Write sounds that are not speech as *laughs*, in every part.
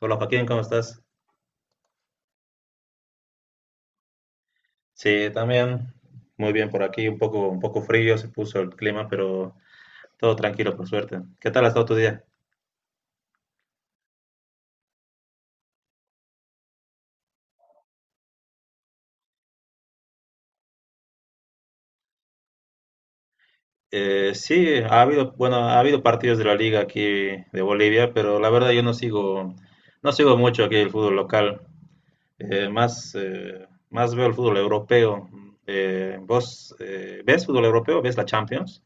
Hola Joaquín, ¿cómo estás? Sí, también muy bien por aquí, un poco frío se puso el clima, pero todo tranquilo por suerte. ¿Qué tal ha estado tu día? Sí, ha habido, bueno, ha habido partidos de la liga aquí de Bolivia, pero la verdad yo no sigo, no sigo mucho aquí el fútbol local. Más, más veo el fútbol europeo. ¿Vos ves fútbol europeo? ¿Ves la Champions?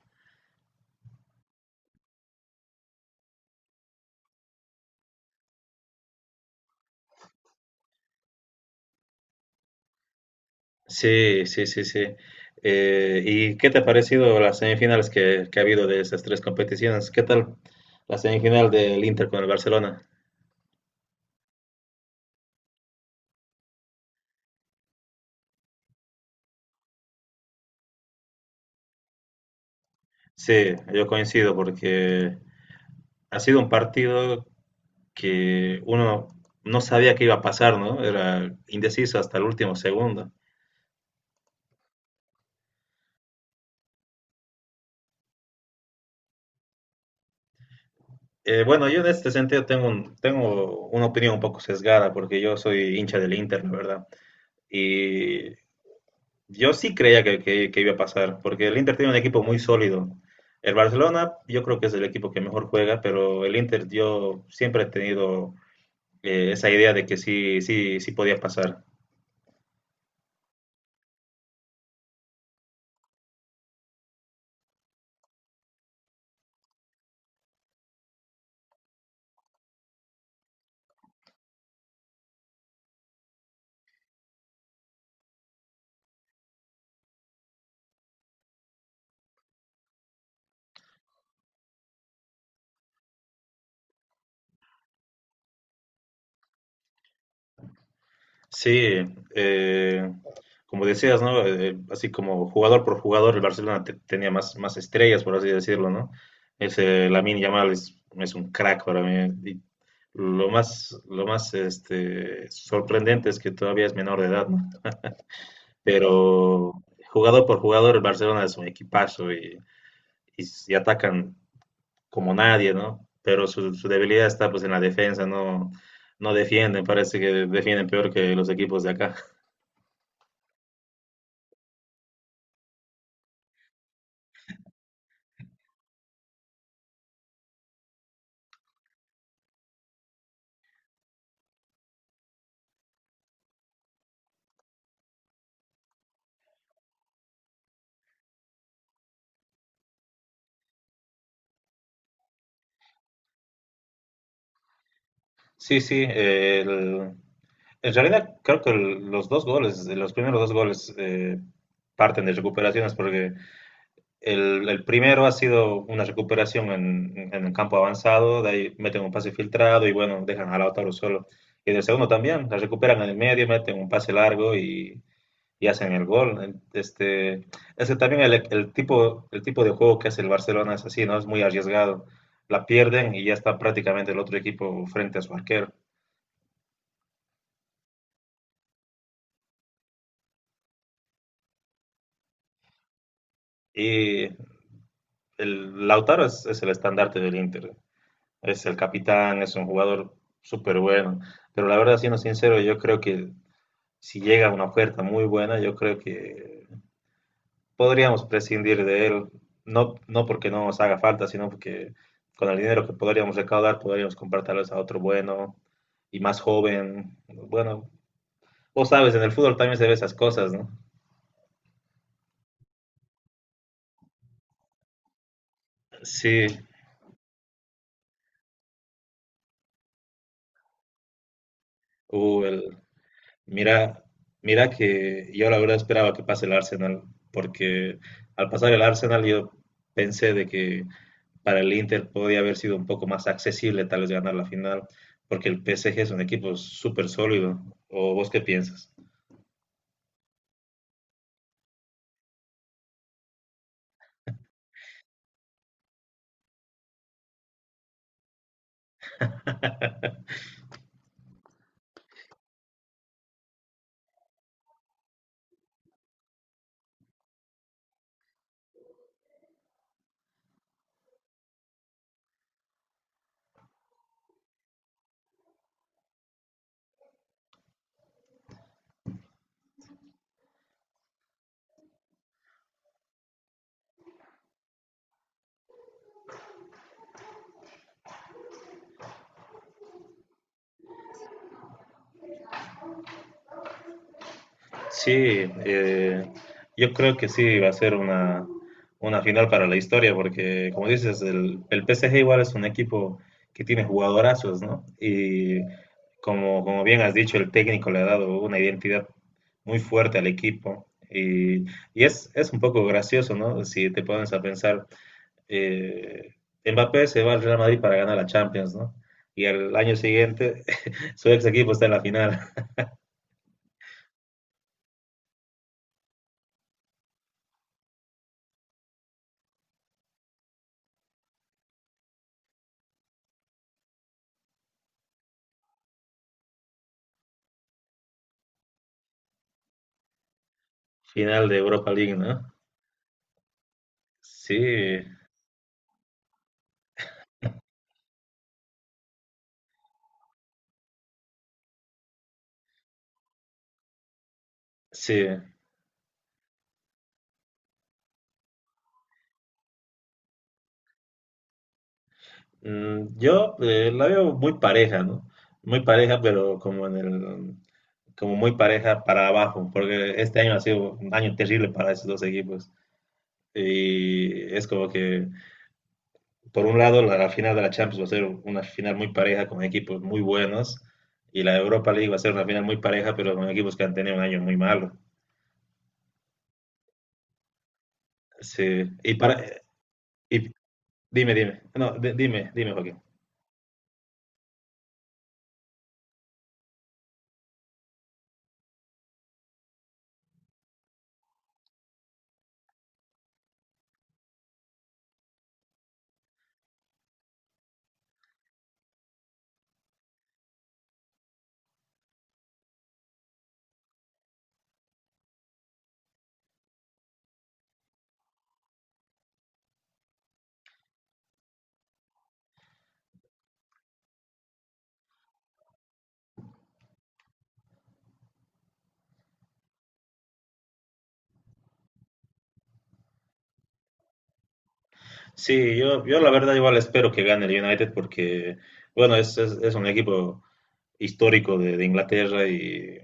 Sí, sí, sí, sí. ¿Y qué te ha parecido las semifinales que ha habido de esas tres competiciones? ¿Qué tal la semifinal del Inter con el Barcelona? Sí, yo coincido porque ha sido un partido que uno no sabía qué iba a pasar, ¿no? Era indeciso hasta el último segundo. Bueno, yo en este sentido tengo, tengo una opinión un poco sesgada porque yo soy hincha del Inter, la verdad. Y yo sí creía que iba a pasar, porque el Inter tiene un equipo muy sólido. El Barcelona, yo creo que es el equipo que mejor juega, pero el Inter, yo siempre he tenido esa idea de que sí, sí, sí podía pasar. Sí, eh, como decías, ¿no? Así como jugador por jugador, el Barcelona tenía más, más estrellas, por así decirlo, ¿no? Ese Lamine Yamal es un crack para mí. Y lo más, lo más sorprendente es que todavía es menor de edad, ¿no? Pero jugador por jugador el Barcelona es un equipazo y, y atacan como nadie, ¿no? Pero su debilidad está pues en la defensa, no, no defienden, parece que defienden peor que los equipos de acá. Sí, sí, en realidad creo que los dos goles, los primeros dos goles parten de recuperaciones porque el primero ha sido una recuperación en un campo avanzado, de ahí meten un pase filtrado y bueno, dejan a Lautaro solo. Y del segundo también, la recuperan en el medio, meten un pase largo y hacen el gol. Ese también el tipo de juego que hace el Barcelona es así, ¿no? Es muy arriesgado. La pierden y ya está prácticamente el otro equipo frente a su arquero. Y el Lautaro es el estandarte del Inter. Es el capitán, es un jugador súper bueno. Pero la verdad, siendo sincero, yo creo que si llega una oferta muy buena, yo creo que podríamos prescindir de él. No, no porque no nos haga falta, sino porque con el dinero que podríamos recaudar, podríamos comprar tal vez a otro bueno y más joven. Bueno, vos sabes, en el fútbol también se ve esas cosas, ¿no? Sí, uh, el, mira, mira que yo la verdad esperaba que pase el Arsenal, porque al pasar el Arsenal yo pensé de que para el Inter podía haber sido un poco más accesible tal vez ganar la final, porque el PSG es un equipo súper sólido. ¿O vos qué piensas? Sí, eh, yo creo que sí va a ser una final para la historia, porque como dices, el PSG igual es un equipo que tiene jugadorazos, ¿no? Y como, como bien has dicho, el técnico le ha dado una identidad muy fuerte al equipo. Y es un poco gracioso, ¿no? Si te pones a pensar, eh, Mbappé se va al Real Madrid para ganar la Champions, ¿no? Y al año siguiente *laughs* su ex equipo está en la final, final de Europa League, ¿no? Sí, sí, yo la veo muy pareja, ¿no? Muy pareja, pero como en el, como muy pareja para abajo, porque este año ha sido un año terrible para esos dos equipos. Y es como que, por un lado, la final de la Champions va a ser una final muy pareja con equipos muy buenos, y la Europa League va a ser una final muy pareja, pero con equipos que han tenido un año muy malo. Sí, y para, y dime, dime, no, dime, dime, Joaquín. Sí, yo la verdad igual espero que gane el United porque, bueno, es un equipo histórico de Inglaterra y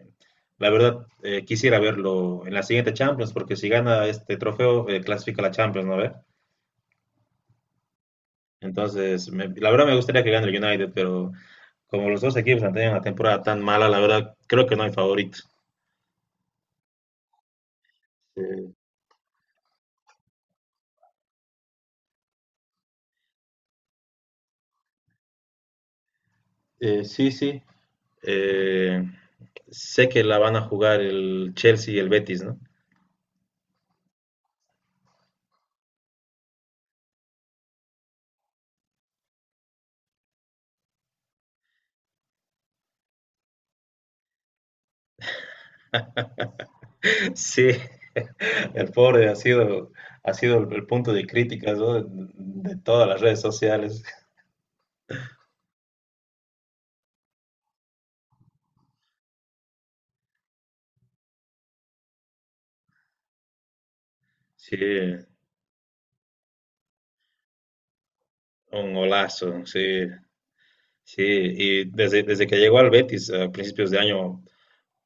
la verdad quisiera verlo en la siguiente Champions porque si gana este trofeo clasifica a la Champions, ¿no ves? Entonces, la verdad me gustaría que gane el United, pero como los dos equipos han tenido una temporada tan mala, la verdad creo que no hay favorito. Eh, sí, sí. Eh, Sé que la van a jugar el Chelsea y el Betis, ¿no? *laughs* Sí, el pobre ha sido el punto de crítica, ¿no? De todas las redes sociales. Sí, un golazo, sí. Sí, y desde, desde que llegó al Betis a principios de año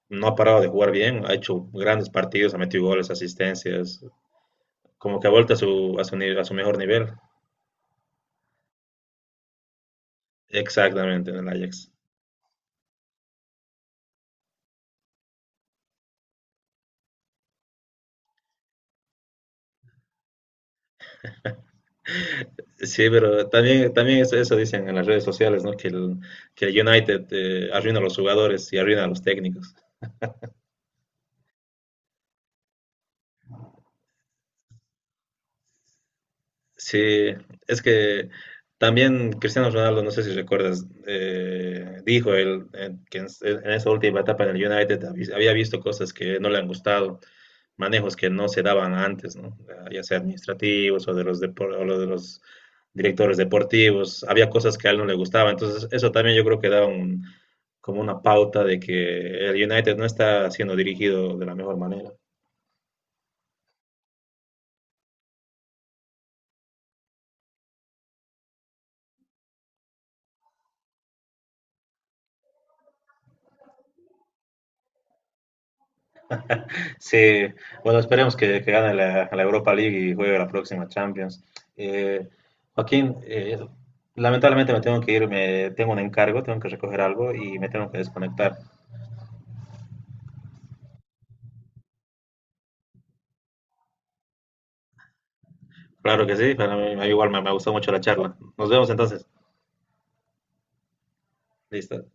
no ha parado de jugar bien, ha hecho grandes partidos, ha metido goles, asistencias, como que ha vuelto a su, a su, a su mejor nivel. Exactamente, en el Ajax. Sí, pero también, también eso dicen en las redes sociales, ¿no? Que el United arruina a los jugadores y arruina a los técnicos. Sí, es que también Cristiano Ronaldo, no sé si recuerdas, dijo él que en esa última etapa en el United había visto cosas que no le han gustado, manejos que no se daban antes, ¿no? Ya sea administrativos o de los, o lo de los directores deportivos, había cosas que a él no le gustaba, entonces eso también yo creo que da un, como una pauta de que el United no está siendo dirigido de la mejor manera. Sí, bueno, esperemos que gane la, la Europa League y juegue la próxima Champions. Eh, Joaquín, lamentablemente me tengo que ir, me, tengo un encargo, tengo que recoger algo y me tengo que desconectar. Claro que sí, para mí igual me, me gustó mucho la charla. Nos vemos entonces. Listo.